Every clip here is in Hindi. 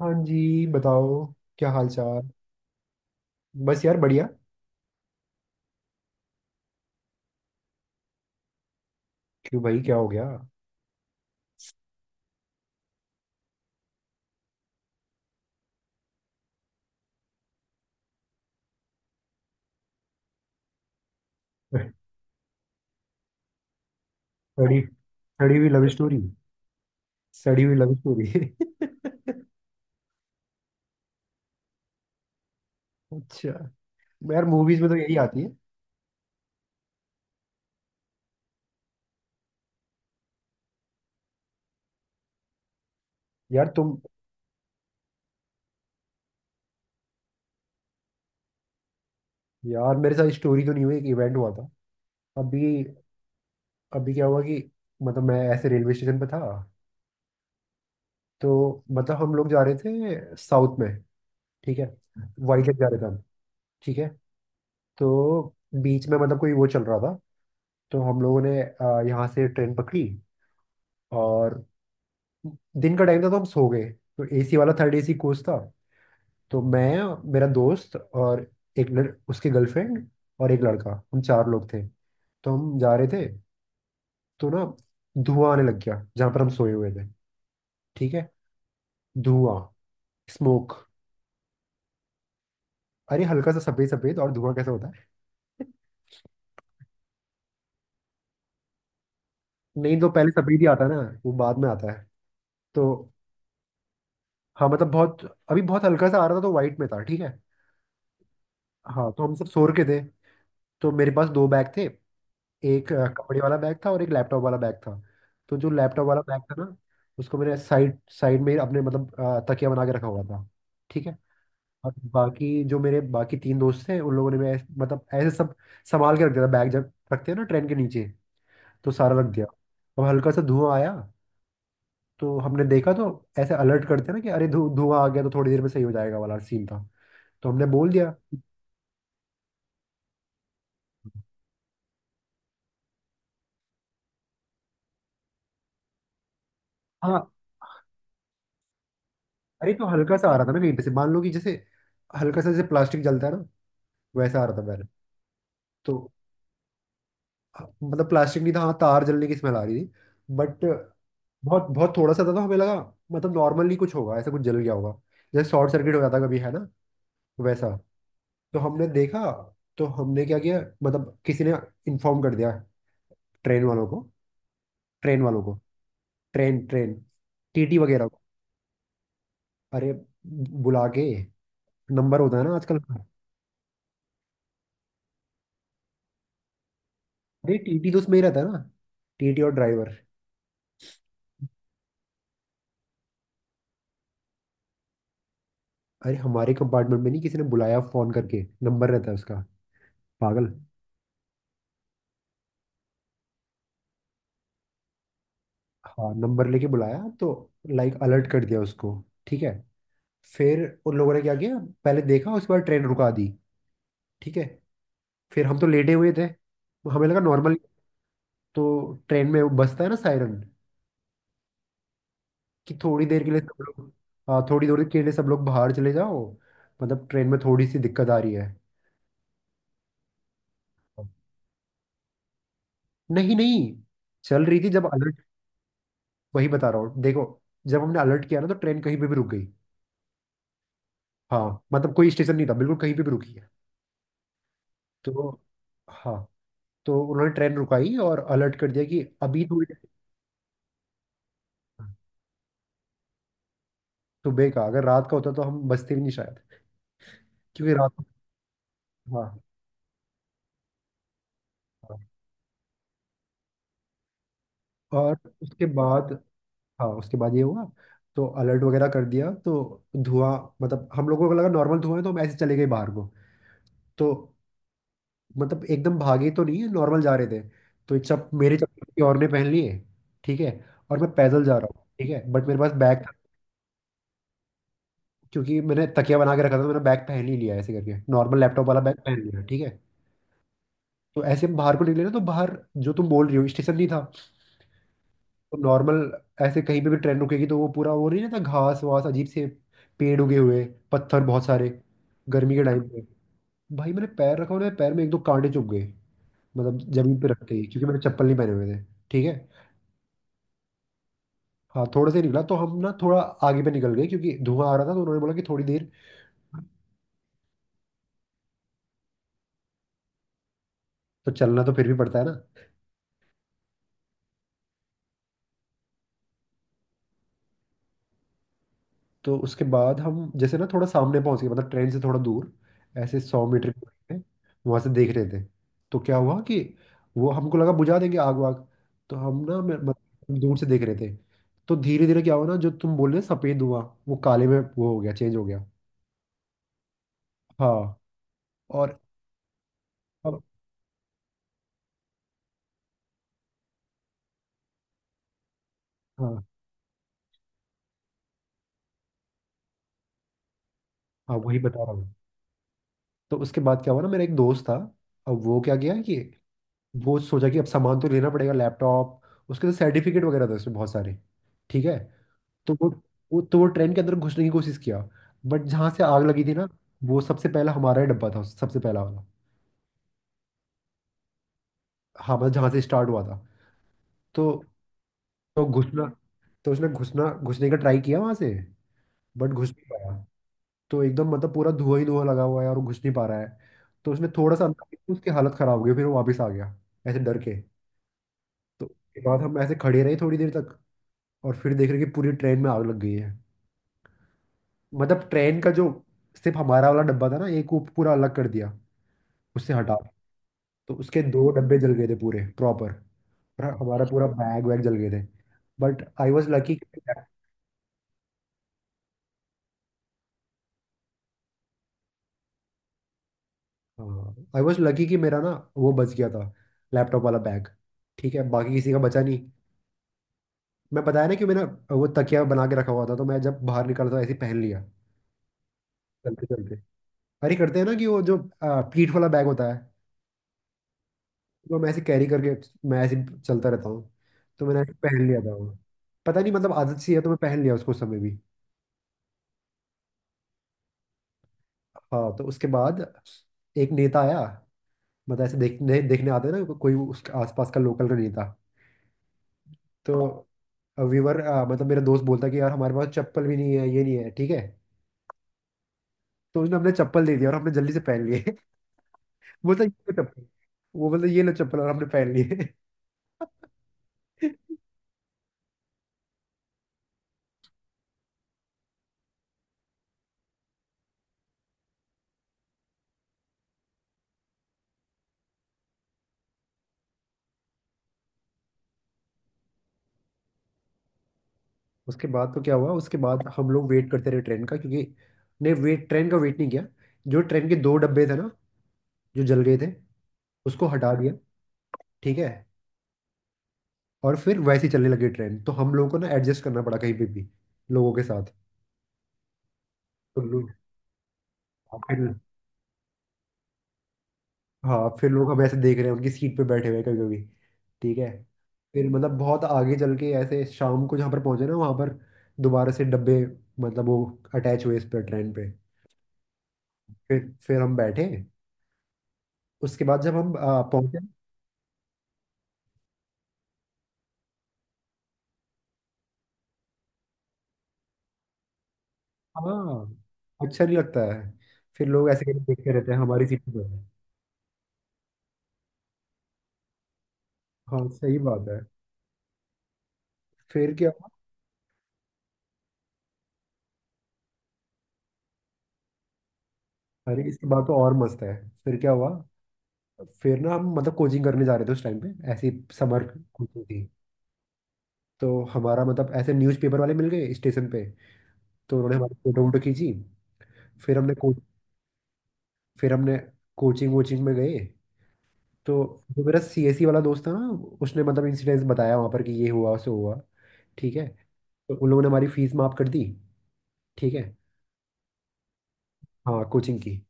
हाँ जी बताओ। क्या हाल चाल। बस यार बढ़िया। क्यों भाई, क्या हो गया? सड़ी। सड़ी हुई लव स्टोरी। सड़ी हुई लव स्टोरी अच्छा, यार मूवीज में तो यही आती है। यार तुम, यार मेरे साथ स्टोरी तो नहीं हुई, एक इवेंट हुआ था अभी। अभी क्या हुआ कि, मतलब मैं ऐसे रेलवे स्टेशन पे था। तो मतलब हम लोग जा रहे थे साउथ में। ठीक है। वाइजैक जा रहे थे हम। ठीक है। तो बीच में मतलब कोई वो चल रहा था। तो हम लोगों ने यहाँ से ट्रेन पकड़ी। और दिन का टाइम था तो हम सो गए। तो एसी वाला, थर्ड एसी कोच था। तो मैं, मेरा दोस्त और उसकी गर्लफ्रेंड और एक लड़का, हम चार लोग थे। तो हम जा रहे थे। तो ना, धुआं आने लग गया जहां पर हम सोए हुए थे। ठीक है। धुआं। स्मोक। अरे हल्का सा सफेद सफेद, और धुआं कैसे होता है? नहीं तो पहले सफेद ही आता है ना। वो बाद में आता है। तो हाँ मतलब बहुत, अभी बहुत हल्का सा आ रहा था तो वाइट में था। ठीक है। हाँ तो हम सब सो के थे। तो मेरे पास दो बैग थे। एक कपड़े वाला बैग था और एक लैपटॉप वाला बैग था। तो जो लैपटॉप वाला बैग था ना, उसको मैंने साइड साइड में अपने मतलब तकिया बना के रखा हुआ था। ठीक है। और बाकी जो मेरे बाकी तीन दोस्त थे उन लोगों ने, मैं मतलब ऐसे सब संभाल के रख दिया था बैग, जब रखते हैं ना ट्रेन के नीचे, तो सारा रख दिया। अब हल्का सा धुआं आया। तो हमने देखा, तो ऐसे अलर्ट करते हैं ना कि अरे धु धुआं आ गया, तो थोड़ी देर में सही हो जाएगा वाला सीन था। तो हमने बोल दिया। हाँ। अरे तो हल्का सा आ रहा था ना कहीं पे से, मान लो कि जैसे हल्का सा, जैसे प्लास्टिक जलता है ना वैसा आ रहा था मैंने। तो हाँ, मतलब प्लास्टिक नहीं था, हाँ तार जलने की स्मेल आ रही थी। बट बहुत बहुत थोड़ा सा था तो हमें लगा मतलब नॉर्मली कुछ होगा, ऐसा कुछ जल गया होगा, जैसे शॉर्ट सर्किट हो जाता कभी है ना, वैसा। तो हमने देखा। तो हमने क्या किया, मतलब किसी ने इन्फॉर्म कर दिया ट्रेन वालों को। ट्रेन वालों को। ट्रेन ट्रेन टीटी वगैरह को। अरे बुला के, नंबर होता है ना आजकल। अरे टीटी तो उसमें ही रहता है ना, टीटी और ड्राइवर। अरे हमारे कंपार्टमेंट में नहीं, किसी ने बुलाया फोन करके, नंबर रहता है उसका। पागल। हाँ नंबर लेके बुलाया तो, लाइक अलर्ट कर दिया उसको। ठीक है। फिर उन लोगों ने क्या किया, पहले देखा, उसके बाद ट्रेन रुका दी। ठीक है। फिर हम तो लेटे हुए थे, हमें लगा नॉर्मल। तो ट्रेन में वो बजता है ना, सायरन, कि थोड़ी देर के लिए सब लोग, हाँ थोड़ी देर के लिए सब लोग बाहर चले जाओ, मतलब ट्रेन में थोड़ी सी दिक्कत आ रही है। नहीं नहीं, चल रही थी जब अलर्ट। वही बता रहा हूँ देखो, जब हमने अलर्ट किया ना तो ट्रेन कहीं पे भी रुक गई। हाँ मतलब कोई स्टेशन नहीं था बिल्कुल, कहीं पे भी रुकी है। तो हाँ, तो उन्होंने ट्रेन रुकाई और अलर्ट कर दिया कि अभी थोड़ी देर। सुबह का, अगर रात का होता तो हम बचते भी नहीं शायद, क्योंकि रात। हाँ हाँ। हाँ। और उसके बाद, हाँ उसके बाद ये हुआ। तो अलर्ट वगैरह कर दिया तो धुआं, मतलब हम लोगों को लगा नॉर्मल धुआं है तो हम ऐसे चले गए बाहर को। तो मतलब एकदम भागे तो नहीं है, नॉर्मल जा रहे थे। तो ये चप मेरे चप्पल किसी और ने पहन लिए। ठीक है। और मैं पैदल जा रहा हूँ, ठीक है, बट मेरे पास बैग था क्योंकि मैंने तकिया बना के रखा था। तो मैंने बैग पहन ही लिया ऐसे करके, नॉर्मल लैपटॉप वाला बैग पहन लिया। ठीक है। तो ऐसे हम बाहर को निकले ना, तो बाहर, जो तुम बोल रही हो स्टेशन नहीं था। तो नॉर्मल ऐसे कहीं पे भी ट्रेन रुकेगी तो वो पूरा वो नहीं रहता, घास वास अजीब से, पेड़ उगे हुए, पत्थर बहुत सारे, गर्मी के टाइम पे। भाई मैंने पैर रखा और मेरे पैर में एक दो कांटे चुभ गए, मतलब जमीन पे रखते ही, क्योंकि मैंने चप्पल नहीं पहने हुए थे। ठीक है। हाँ थोड़े से निकला तो हम ना थोड़ा आगे पे निकल गए, क्योंकि धुआं आ रहा था तो उन्होंने बोला कि थोड़ी देर। तो चलना तो फिर भी पड़ता है ना। तो उसके बाद हम जैसे ना थोड़ा सामने पहुंच गए, मतलब ट्रेन से थोड़ा दूर, ऐसे 100 मीटर की दूरी पे। वहां से देख रहे थे। तो क्या हुआ कि वो, हमको लगा बुझा देंगे आग वाग। तो हम ना, मतलब दूर से देख रहे थे। तो धीरे धीरे क्या हुआ ना, जो तुम बोल रहे हो, सफेद हुआ वो काले में, वो हो गया, चेंज हो गया। हाँ। और अब, हाँ। हाँ वही बता रहा हूँ। तो उसके बाद क्या हुआ ना, मेरा एक दोस्त था। अब वो क्या किया कि वो सोचा कि अब सामान तो लेना पड़ेगा, लैपटॉप, उसके तो सर्टिफिकेट वगैरह था उसमें बहुत सारे। ठीक है। तो वो तो वो ट्रेन के अंदर घुसने की कोशिश किया, बट जहाँ से आग लगी थी ना, वो सबसे पहला हमारा ही डब्बा था, सबसे पहला वाला। हाँ मतलब जहाँ से स्टार्ट हुआ था। तो तो घुसना तो उसने घुसना घुसने का ट्राई किया वहाँ से, बट घुस नहीं पाया। तो एकदम मतलब पूरा धुआं ही धुआं लगा हुआ है और वो घुस नहीं पा रहा है। तो उसने थोड़ा सा अंदर देखा, उसकी हालत खराब हो गई, फिर वो वापस आ गया, ऐसे डर के। तो उसके बाद हम ऐसे खड़े रहे थोड़ी देर तक, और फिर देख रहे कि पूरी ट्रेन में आग लग गई है। मतलब ट्रेन का जो, सिर्फ हमारा वाला डब्बा था ना एक, वो पूरा अलग कर दिया, उससे हटा। तो उसके दो डब्बे जल गए थे पूरे प्रॉपर, और हमारा पूरा बैग वैग जल गए थे। But I was lucky. I was lucky कि मेरा ना, वो बच गया था लैपटॉप वाला बैग। ठीक है, बाकी किसी का बचा नहीं। मैं बताया ना कि मैंने वो तकिया बना के रखा हुआ था, तो मैं जब बाहर निकला था ऐसे ही पहन लिया, चलते चलते। अरे करते हैं ना कि वो जो पीठ वाला बैग होता है, वो मैं ऐसे कैरी करके, मैं ऐसे ही चलता रहता हूँ। तो मैंने ऐसे पहन लिया था वो। पता नहीं मतलब आदत सी है, तो मैं पहन लिया उसको उस समय भी। हाँ तो उसके बाद एक नेता आया, मतलब ऐसे देखने देखने आते हैं ना कोई, उसके आसपास का लोकल का नहीं था। तो व्यूवर, मतलब मेरा दोस्त बोलता कि यार हमारे पास चप्पल भी नहीं है, ये नहीं है। ठीक है। तो उसने, हमने चप्पल दे दिया और हमने जल्दी से पहन लिए बोलता ये लो चप्पल। वो बोलता ये लो चप्पल, और हमने पहन लिए उसके बाद तो क्या हुआ, उसके बाद हम लोग वेट करते रहे ट्रेन का क्योंकि, नहीं वेट, ट्रेन का वेट नहीं किया। जो ट्रेन के दो डब्बे थे ना, जो जल गए थे, उसको हटा दिया। ठीक है। और फिर वैसे ही चलने लगी ट्रेन, तो हम लोगों को ना एडजस्ट करना पड़ा कहीं पे भी, लोगों के साथ। तो लो- और फिर, हाँ फिर लोग, हम ऐसे देख रहे हैं उनकी सीट पे बैठे हुए कभी कभी। ठीक है। फिर मतलब बहुत आगे चल के, ऐसे शाम को जहाँ पर पहुंचे ना, वहाँ पर दोबारा से डब्बे, मतलब वो अटैच हुए इस पर, ट्रेन पे। फिर फिर हम बैठे। उसके बाद जब हम पहुंचे। हाँ, अच्छा नहीं लगता है, फिर लोग ऐसे करके देखते रहते हैं हमारी सीट पे। हाँ सही बात है। फिर क्या हुआ? अरे इसके बाद तो और मस्त है। फिर क्या हुआ, फिर ना हम मतलब कोचिंग करने जा रहे थे उस टाइम पे, ऐसी समर कोचिंग थी। तो हमारा मतलब ऐसे न्यूज़पेपर वाले मिल गए स्टेशन पे, तो उन्होंने हमारी फोटो वोटो खींची। फिर हमने फिर हमने कोचिंग वोचिंग में गए। तो जो मेरा सीएससी वाला दोस्त था ना, उसने मतलब इंसिडेंस बताया वहाँ पर कि ये हुआ सो हुआ। ठीक है। तो उन लोगों ने हमारी फीस माफ कर दी। ठीक है। हाँ कोचिंग की।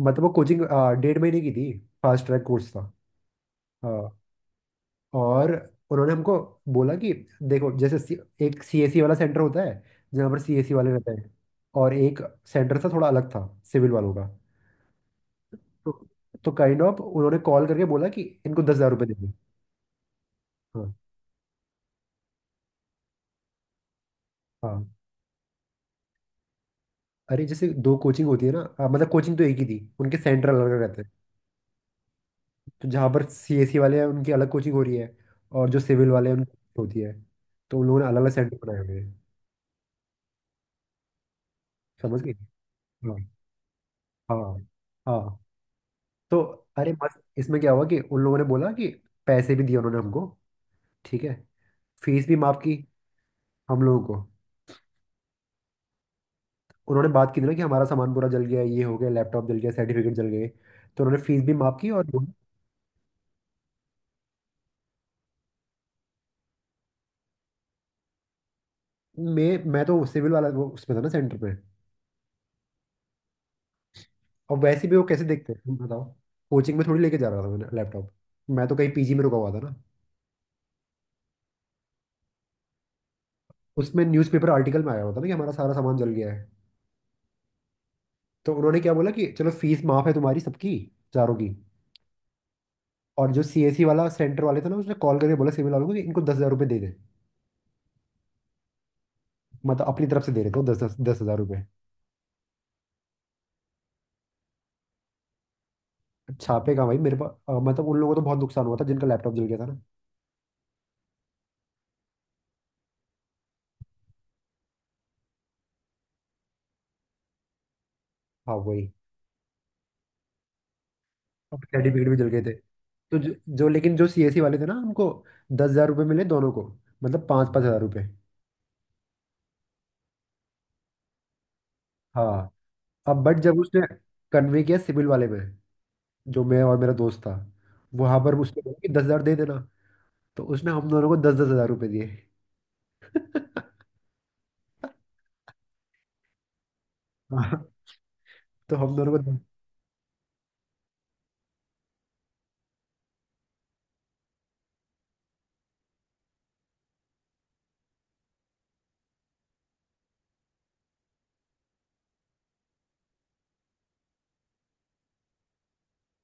मतलब वो कोचिंग 1.5 महीने की थी, फास्ट ट्रैक कोर्स था। हाँ। और उन्होंने हमको बोला कि देखो, एक सीएसी वाला सेंटर होता है जहाँ पर सीएसी वाले रहते हैं, और एक सेंटर था थोड़ा अलग, था सिविल वालों का। तो तो काइंड ऑफ उन्होंने कॉल करके बोला कि इनको 10,000 रुपये देंगे। हाँ। हाँ अरे जैसे दो कोचिंग होती है ना, हाँ, मतलब कोचिंग तो एक ही थी, उनके सेंटर अलग अलग रहते हैं। तो जहाँ पर सीएसी वाले हैं उनकी अलग कोचिंग हो रही है, और जो सिविल वाले हैं उनकी होती है। तो उन लोगों ने अलग अलग सेंटर बनाए हुए हैं। समझ गए। हाँ हाँ हाँ। तो अरे मस्त, इसमें क्या हुआ कि उन लोगों ने बोला कि पैसे भी दिए उन्होंने हमको। ठीक है। फीस भी माफ की। हम लोगों को। उन्होंने बात की थी ना कि हमारा सामान पूरा जल गया, ये हो गया, लैपटॉप जल गया, सर्टिफिकेट जल गए। तो उन्होंने फीस भी माफ की और, मैं तो सिविल वाला वो उसमें था ना सेंटर पे। और वैसे भी वो कैसे देखते हैं, तुम बताओ। कोचिंग में थोड़ी लेके जा रहा था मैंने लैपटॉप, मैं तो कहीं पीजी में रुका हुआ था ना। उसमें न्यूज़पेपर आर्टिकल में आया हुआ था ना कि हमारा सारा सामान जल गया है। तो उन्होंने क्या बोला कि चलो फीस माफ है तुम्हारी सबकी, चारों की। और जो सीएससी वाला, सेंटर वाले थे ना, उसने कॉल करके बोला सिविल वालों को कि इनको 10,000 रुपये दे दे। मतलब अपनी तरफ से दे रहे थे वो, दस दस 10,000 रुपये। छापे का भाई मेरे पास, मतलब उन लोगों को तो बहुत नुकसान हुआ था जिनका लैपटॉप जल गया था ना। हाँ वही। और सर्टिफिकेट भी जल गए थे। तो जो सीएससी वाले थे ना, हमको 10,000 रुपये मिले दोनों को, मतलब 5,000-5,000 रुपये। हाँ। अब बट जब उसने कन्वे किया सिविल वाले में, जो मैं और मेरा दोस्त था, वहां पर उसने बोला कि 10,000 दे देना। तो उसने हम दोनों को 10,000-10,000 रुपये दिए हाँ, तो हम दोनों को दस-।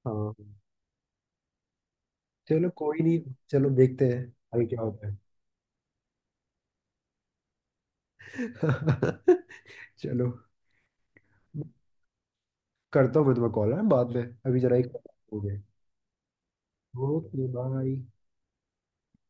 हाँ चलो कोई नहीं, चलो देखते हैं अभी क्या होता है। चलो, करता हूँ मैं तुम्हें कॉल, है बाद में, अभी जरा एक, हो गए। Okay bye.